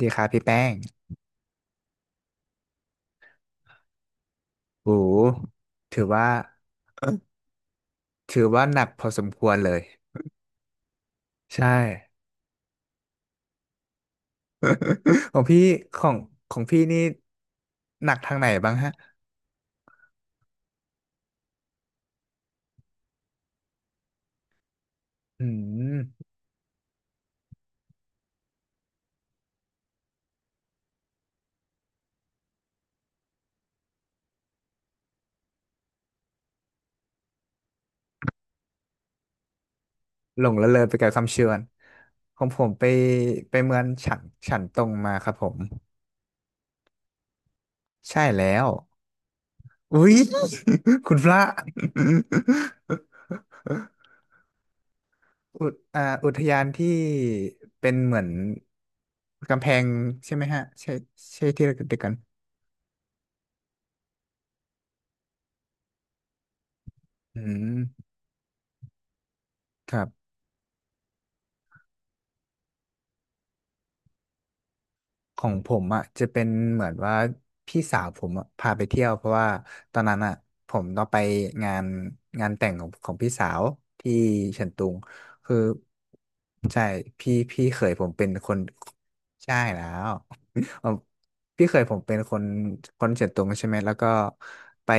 ดีครับพี่แป้งโอ้โหถือว่า หนักพอสมควรเลย ใช่ ของพี่ของของพี่นี่ หนักทางไหนบ้างฮะอืมหลงละเลยไปกับคำเชิญของผมไปเมืองฉันตรงมาครับผม ใช่แล้ว อุ๊ย คุณพระ อุทยานที่เป็นเหมือน กำแพงใช่ไหมฮะ ใช่ใช่ที่เราเด็กกันอืมครับ ของผมอ่ะจะเป็นเหมือนว่าพี่สาวผมอะพาไปเที่ยวเพราะว่าตอนนั้นอ่ะผมต้องไปงานแต่งของพี่สาวที่เฉินตุงคือใช่พี่ใช่แล้วเอ่อพี่เคยผมเป็นคนเฉินตุงใช่ไหมแล้วก็ไป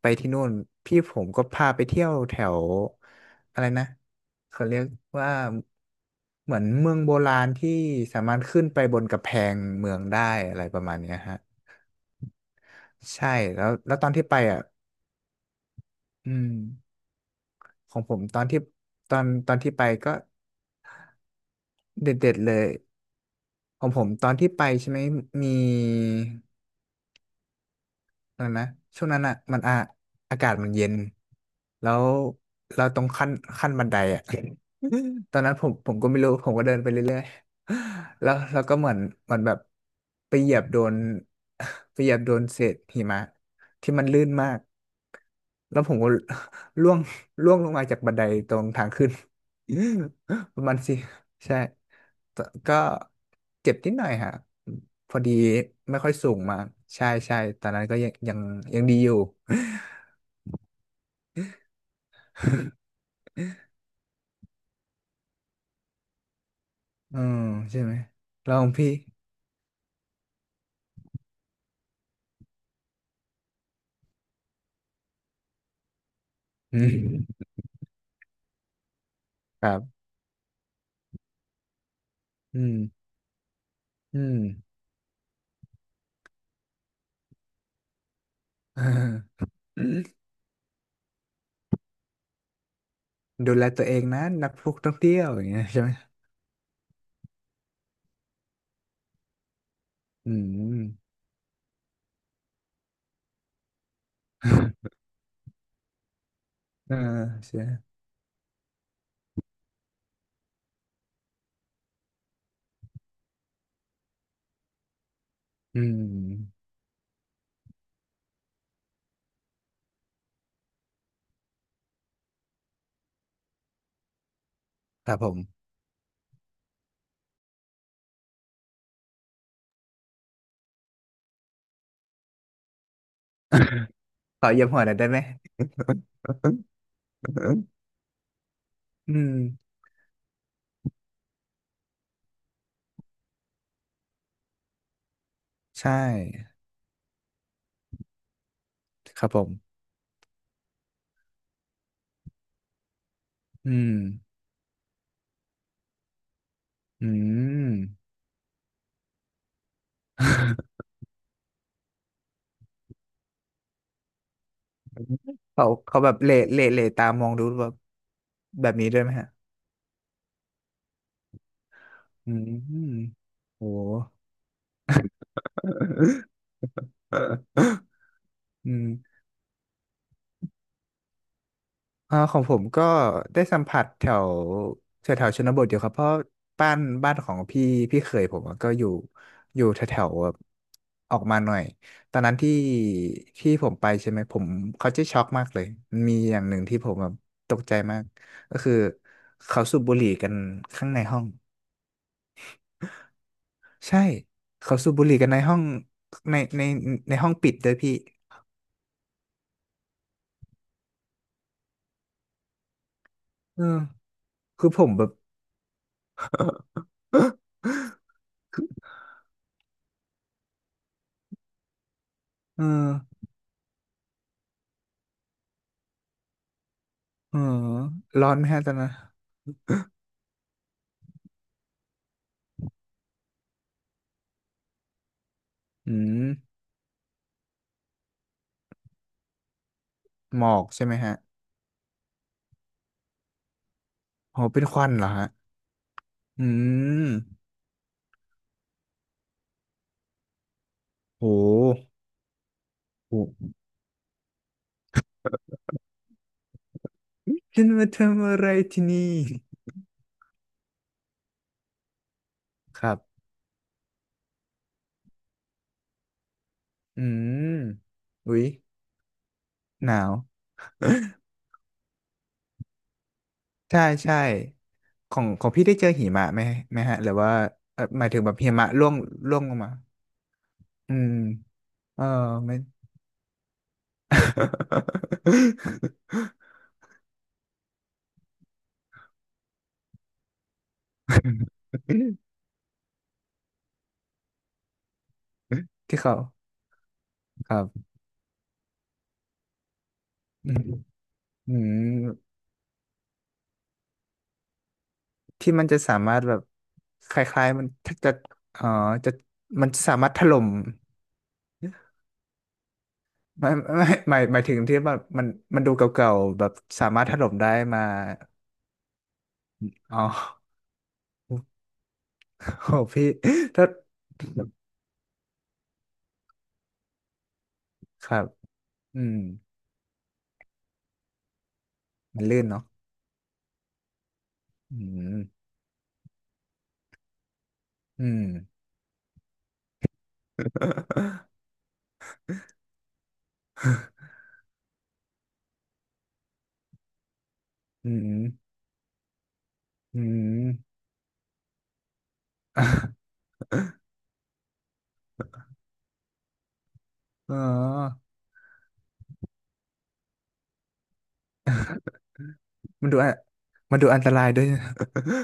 ที่นู่นพี่ผมก็พาไปเที่ยวแถวอะไรนะเขาเรียกว่าเหมือนเมืองโบราณที่สามารถขึ้นไปบนกำแพงเมืองได้อะไรประมาณเนี้ยฮะ ใช่แล้วแล้วตอนที่ไปอ่ะอืมของผมตอนที่ตอนที่ไปก็เด็ดๆเลยของผมตอนที่ไปใช่ไหมมี ตอนนั่นนะช่วงนั้นอ่ะมันอ่ะอากาศมันเย็นแล้วเราตรงขั้นบันไดอ่ะ ตอนนั้นผมก็ไม่รู้ผมก็เดินไปเรื่อยๆแล้วเราก็เหมือนแบบไปเหยียบโดน ไปเหยียบโดนเศษหิมะที่มันลื่นมากแล้วผมก็ ร่วงล่วงลงมาจากบันไดตรงทางขึ้น ประมาณสิ ใช่แต่ก็เจ็บนิดหน่อยฮะอืมพอดีไม่ค่อยสูงมากใช่ใช่ตอนนั้นก็ยังยังดีอยู่ อืมใช่ไหมแล้วของพี่อืมครับอืมอืม เออดูแลตัวเองนะนักพวกท่องเที่ยวอย่างเงี้ยใช่ไหม อืม เออใช่อืมครับผมขอเยี่ยมหัวหน่อยได้ไหม อืมใช่ ครับผมอืมอืม เขาแบบเหล่ตามองดูแบบแบบนี้ด้วยไหมฮะ อืม โอ้ อืมอ่าของผมก็ได้สัมผัสแถวแถวแถวชนบทอยู่ครับเพราะบ้านของพี่เขยผมอะก็อยู่แถวแถวแบบออกมาหน่อย ตอนนั้นที่ผมไปใช่ไหมผมเขาจะช็อกมากเลย มีอย่างหนึ่งที่ผมแบบตกใจมากก็คือเขาสูบบุหรี่กันข้างในห้อง ใช่เขาสูบบุหรี่กันในห้องในในในห้องปิดเวยพี่เออคือผมแบบ เออเออร้อนไหมฮะตอนนั้นอืมหมอกใช่ไหมฮะโหเป็นควันเหรอฮะอืมโหโหฉันมาทำอะไรที่นี่ครับอืมอุ๊ยหนาวใช่ใช่ของพี่ได้เจอหิมะไหมไหมฮะหรือว่าหมายถึงแบบหิมะร่วงร่วงลงมาอืมเออไม่ ที่เขาครับอืมอืมที่มันจะสามารถแบบคล้ายๆมันถ้าจะเอ๋อจะมันสามารถถล่มไม่หมายถึงที่แบบมันดูเก่าๆแบบสามารถถล่มได้มาอ๋อโอ้พี่ถ้าครับอืมมันลื่นเนาะอืมอืมอืมอืม อ๋อ มันดูอะมันดูอันตรายด้วย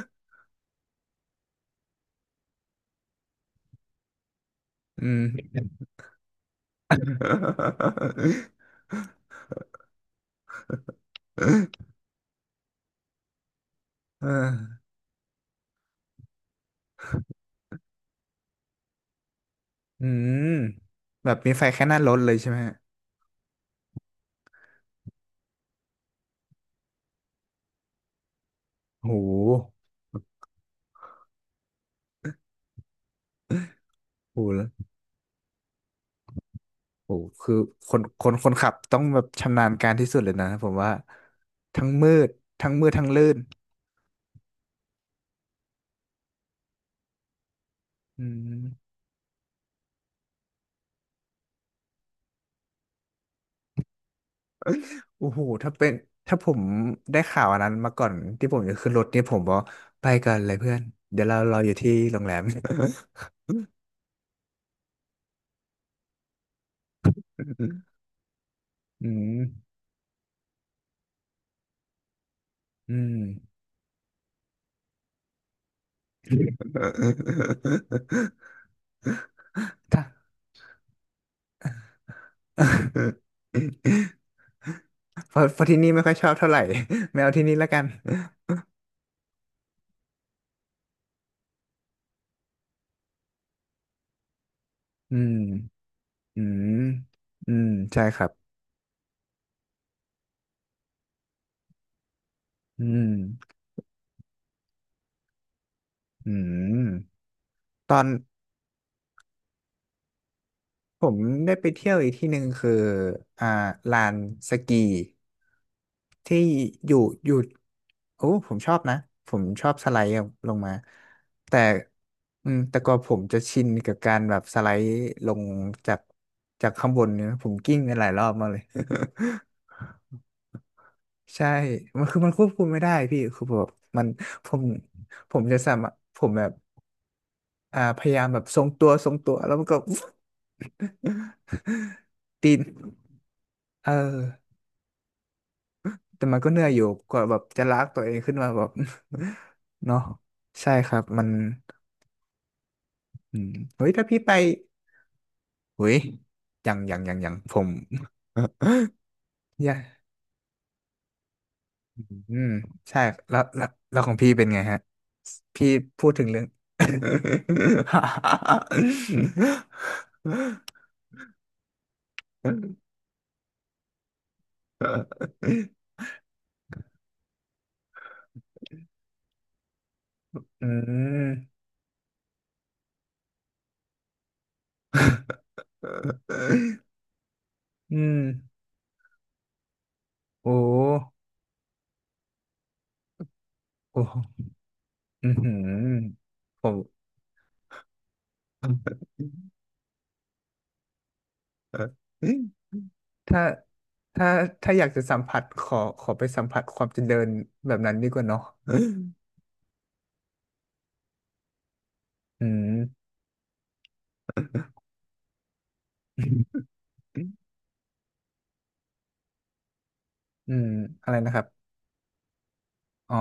อืม เอออืมแบบมีไฟแค่หน้ารถเลยใช่ไหมฮะโหโหแล้วโหคือคนขับต้องแบบชำนาญการที่สุดเลยนะผมว่าทั้งมืด ทั้งมืดทั้งลื่นอืมโอ้โหถ้าเป็นถ้าผมได้ข่าวอันนั้นมาก่อนที่ผมจะขึ้นรถนี่ผมบอกไปกันเลยเพื่อน เดี๋ยวเรารออยู่ที่โรงแรม อืมอืม ถ้า เพราะที่นี่ไม่ค่อยชอบเท่าไหร่ ไม่เอาที่นี่แล้วกันอืมอืมอืมใช่ครับอืมอืมตอน ผมได้ไปเที่ยวอีกที่หนึ่งคืออ่าลานสกีที่อยู่อยู่โอ้ผมชอบนะผมชอบสไลด์ลงมาแต่อืมแต่ก็ผมจะชินกับการแบบสไลด์ลงจากข้างบนเนี่ยผมกิ้งไปหลายรอบมากเลย ใช่มันคือมันควบคุมไม่ได้พี่คือแบบมันผมผมจะสามารถผมแบบอ่าพยายามแบบทรงตัวทรงตัวแล้วมันก็ ตีนเออ แต่มันก็เหนื่อยอยู่กว่าแบบจะลากตัวเองขึ้นมาแบบ เนาะใช่ครับมันอืมเฮ้ยถ้าพี่ไปเฮ้ยยังยังผม ย่าอืมใช่แล้วของพี่เป็นไงฮะพี่พูดถึงเรื่อง อืมอืมโอ้โอ้อือหือผม ถ้าถ้าอยากจะสัมผัสขอขอไปสัมผัสความเจริญแบบนั้นดีกว่าเนาะ อืมอืมอะไรนะครับอ๋อ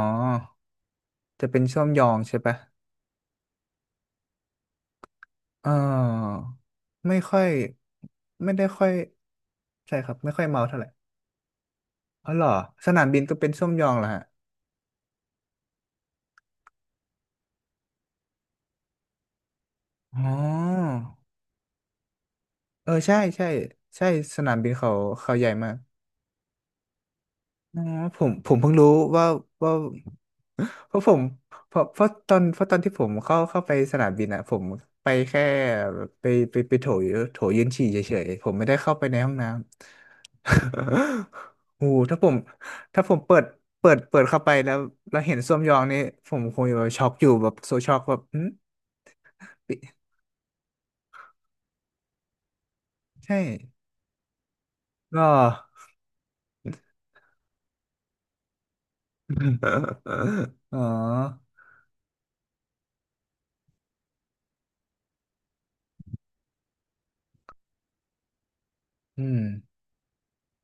จะเป็นช่วมยองใช่ปะเออไม่ค่อยไม่ได้ค่อยใช่ครับไม่ค่อยเมาเท่าไหร่อ๋อเหรอสนามบินก็เป็นช่วงยองเหรอฮะอ๋อเออใช่ใช่ใช่สนามบินเขาใหญ่มาก อ่ผมเพิ่งรู้ว่าว่าเพราะผมเพราะตอนที่ผมเข้าไปสนามบินอ่ะผมไปแค่ไปไปโถยืนฉี่เฉยๆผมไม่ได้เข้าไปในห้องน้ำ โอ้โหถ้าผมถ้าผมเปิดเข้าไปแล้วแล้วเห็นส้วมยองนี่ผมคงจะแบบช็อกอยู่แบบโซช็อกแบบอืมปิใช่ก็ อ๋ออืม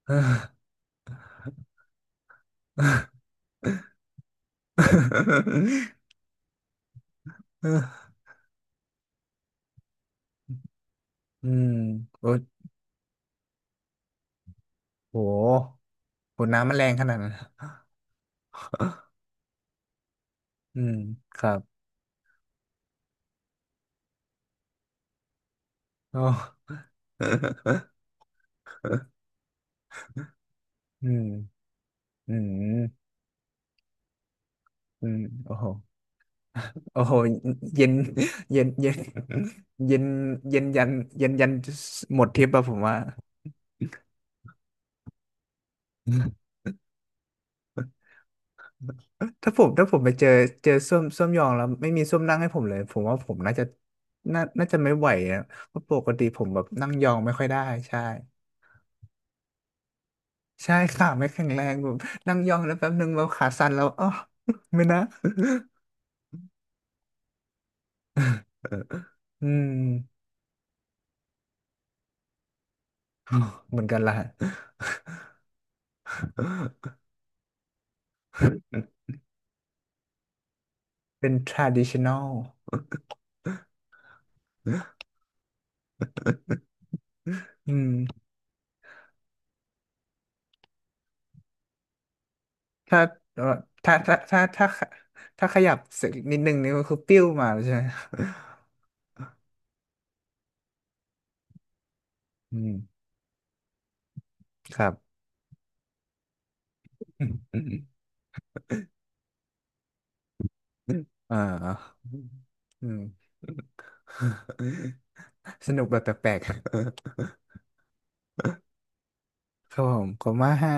เออ อืมโอ้โหโหน้ำมันแรงขนาดนั้นอืมครับโอ้ อืมอืมอืมโอ้โหโอ้โหเย็นเย็นเย็นเย็นเย็นยันเย็นยันหมดทริปอะผมว่าถ้าผมถ้าผมไปเจอเจอส้วมส้วมยองแล้วไม่มีส้วมนั่งให้ผมเลยผมว่าผมน่าจะน่าน่าจะไม่ไหวอะเพราะปกติผมแบบนั่งยองไม่ค่อยได้ใช่ ใช่ขาไม่แข็งแรงแบบนั่งย่องแล้วแป๊บนึงแบบขาสั่นแล้วอ๋อไม่นะอืมเหมือนกันล่ะเป็น traditional อืมถ้าเอ่อถ้าถ้าถ้าถ้าถ้าขยับสักนิดนึงนี่ก็คือปิ้วมาแล้วใช่ไหม อืมครับอ่า อืม สนุกแบบแปลกๆครับผมขอบคุณมากฮะ